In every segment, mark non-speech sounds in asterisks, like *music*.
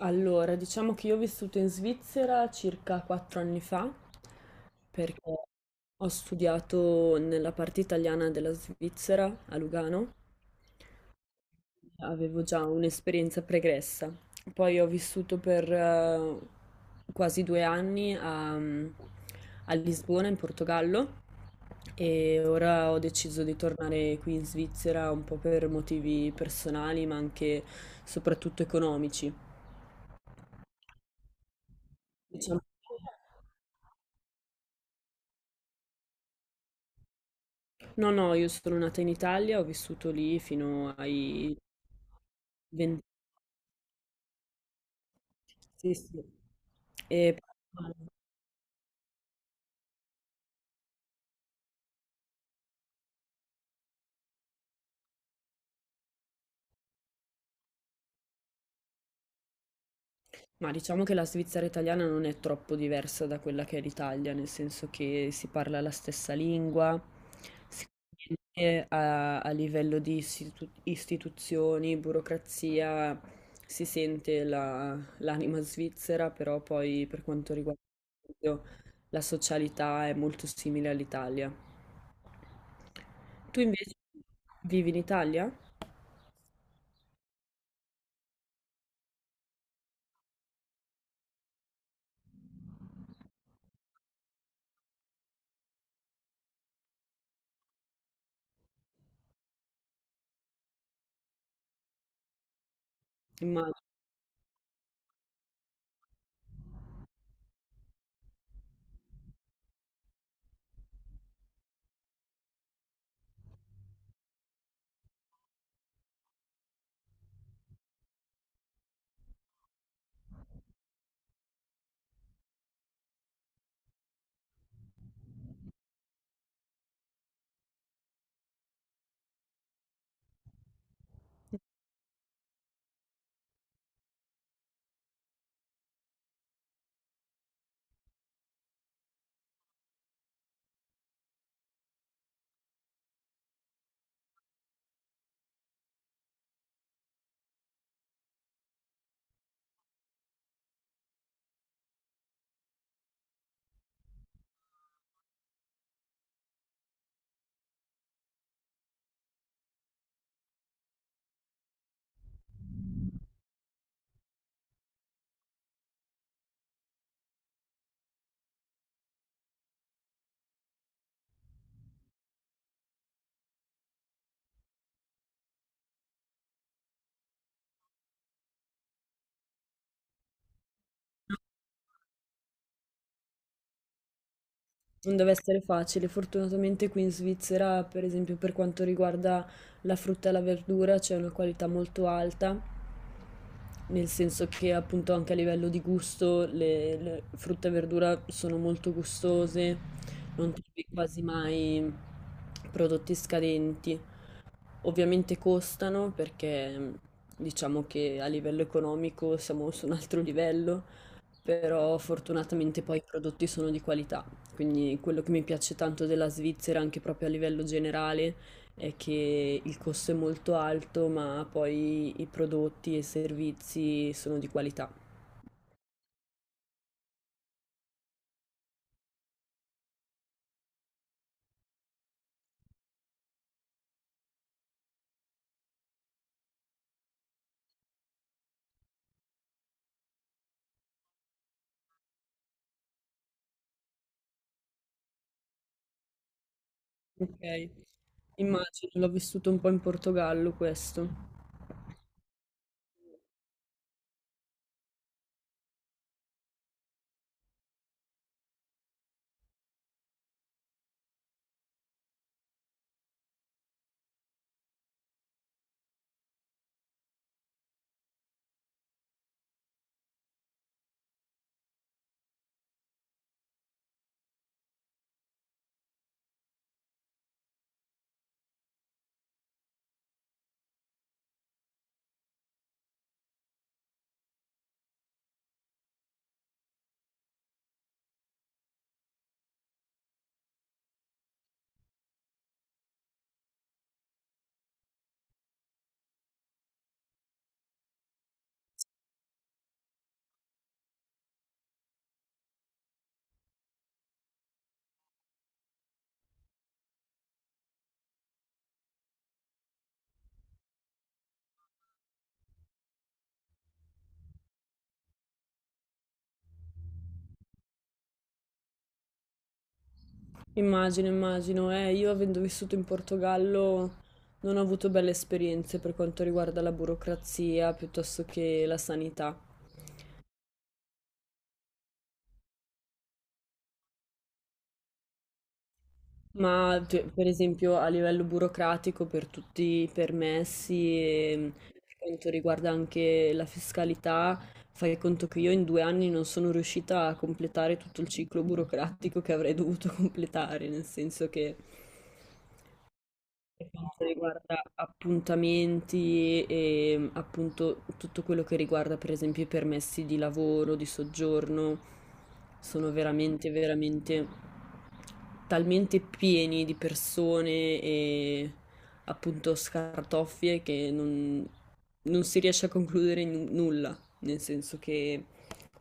Allora, diciamo che io ho vissuto in Svizzera circa quattro anni fa, perché ho studiato nella parte italiana della Svizzera a Lugano, avevo già un'esperienza pregressa. Poi ho vissuto per quasi due anni a Lisbona, in Portogallo, e ora ho deciso di tornare qui in Svizzera un po' per motivi personali, ma anche soprattutto economici. Diciamo. No, no, io sono nata in Italia, ho vissuto lì fino ai 20. Sì, sì. E- ma diciamo che la Svizzera italiana non è troppo diversa da quella che è l'Italia, nel senso che si parla la stessa lingua, sicuramente a livello di istituzioni, burocrazia, si sente l'anima svizzera, però poi per quanto riguarda la socialità è molto simile all'Italia. Tu invece vivi in Italia? Immagino. Non deve essere facile. Fortunatamente qui in Svizzera, per esempio, per quanto riguarda la frutta e la verdura, c'è una qualità molto alta, nel senso che appunto anche a livello di gusto le frutta e verdura sono molto gustose, non trovi quasi mai prodotti scadenti. Ovviamente costano perché diciamo che a livello economico siamo su un altro livello, però fortunatamente poi i prodotti sono di qualità, quindi quello che mi piace tanto della Svizzera, anche proprio a livello generale, è che il costo è molto alto, ma poi i prodotti e i servizi sono di qualità. Ok. Immagino, l'ho vissuto un po' in Portogallo questo. Immagino, immagino, io avendo vissuto in Portogallo non ho avuto belle esperienze per quanto riguarda la burocrazia piuttosto che la sanità. Ma per esempio a livello burocratico per tutti i permessi e per quanto riguarda anche la fiscalità, fai conto che io in due anni non sono riuscita a completare tutto il ciclo burocratico che avrei dovuto *laughs* completare, nel senso che per quanto riguarda appuntamenti e appunto tutto quello che riguarda per esempio i permessi di lavoro, di soggiorno, sono veramente, veramente talmente pieni di persone e appunto scartoffie che non, non si riesce a concludere nulla, nel senso che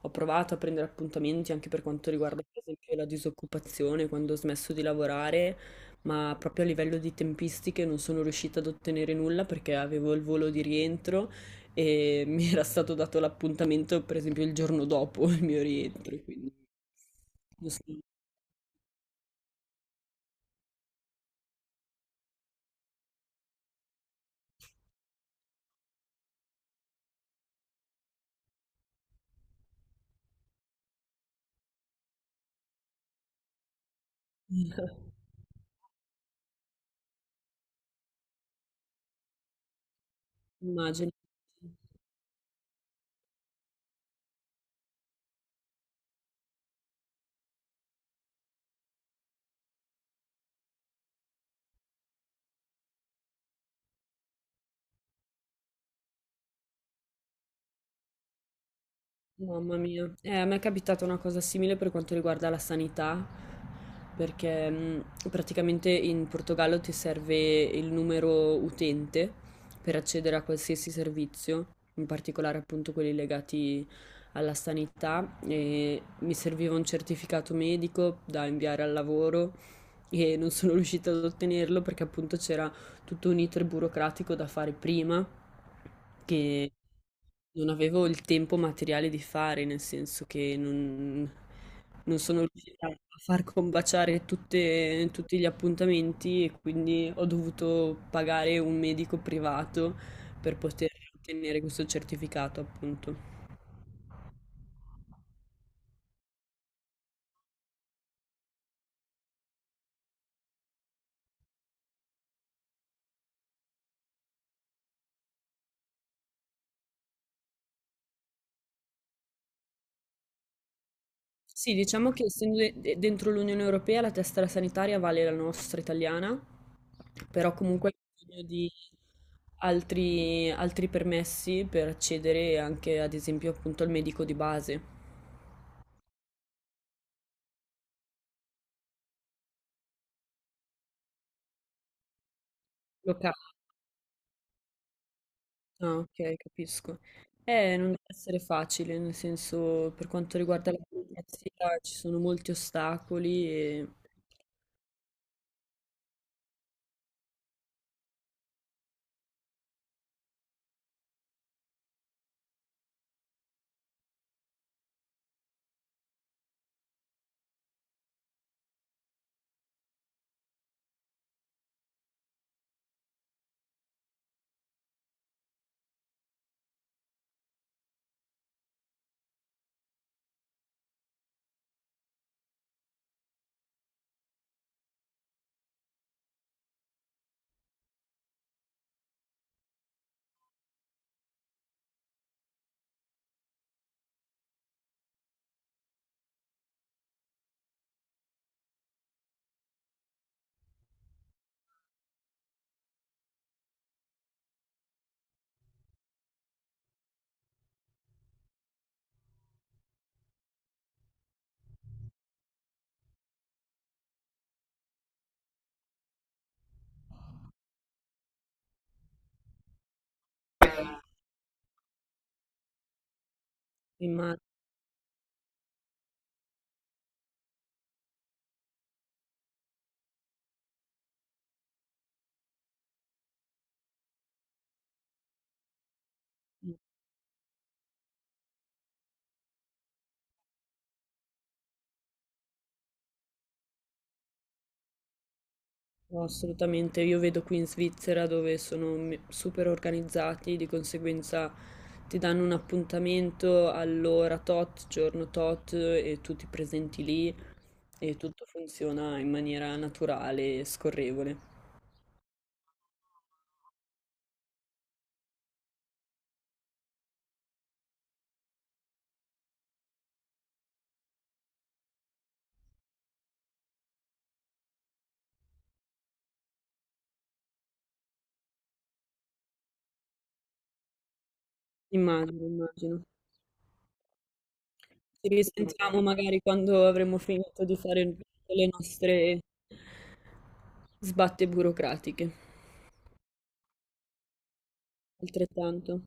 ho provato a prendere appuntamenti anche per quanto riguarda per esempio la disoccupazione quando ho smesso di lavorare, ma proprio a livello di tempistiche non sono riuscita ad ottenere nulla perché avevo il volo di rientro e *laughs* mi era stato dato l'appuntamento, per esempio, il giorno dopo il mio rientro, quindi non so, immagino. Mamma mia, a me è capitata una cosa simile per quanto riguarda la sanità, perché praticamente in Portogallo ti serve il numero utente per accedere a qualsiasi servizio, in particolare appunto quelli legati alla sanità, e mi serviva un certificato medico da inviare al lavoro e non sono *laughs* riuscita ad ottenerlo perché appunto c'era tutto un iter burocratico da fare prima che non avevo il tempo materiale di fare, nel senso che non, non sono riuscita a far combaciare tutti gli appuntamenti e quindi ho dovuto pagare un medico privato per poter ottenere questo certificato, appunto. Sì, diciamo che essendo dentro l'Unione Europea la tessera sanitaria vale la nostra italiana, però comunque hai bisogno di altri, altri permessi per accedere anche ad esempio appunto al medico di base. Locale. Ah, ok, capisco. Non deve essere facile, nel senso per quanto riguarda la burocrazia ci sono molti ostacoli e immagino. No, assolutamente, io vedo qui in Svizzera dove sono super organizzati, di conseguenza ti danno un appuntamento all'ora tot, giorno tot e tu ti presenti lì e tutto funziona in maniera naturale e scorrevole. Immagino, immagino. Ci risentiamo magari quando avremo finito di fare tutte le nostre sbatte burocratiche. Altrettanto.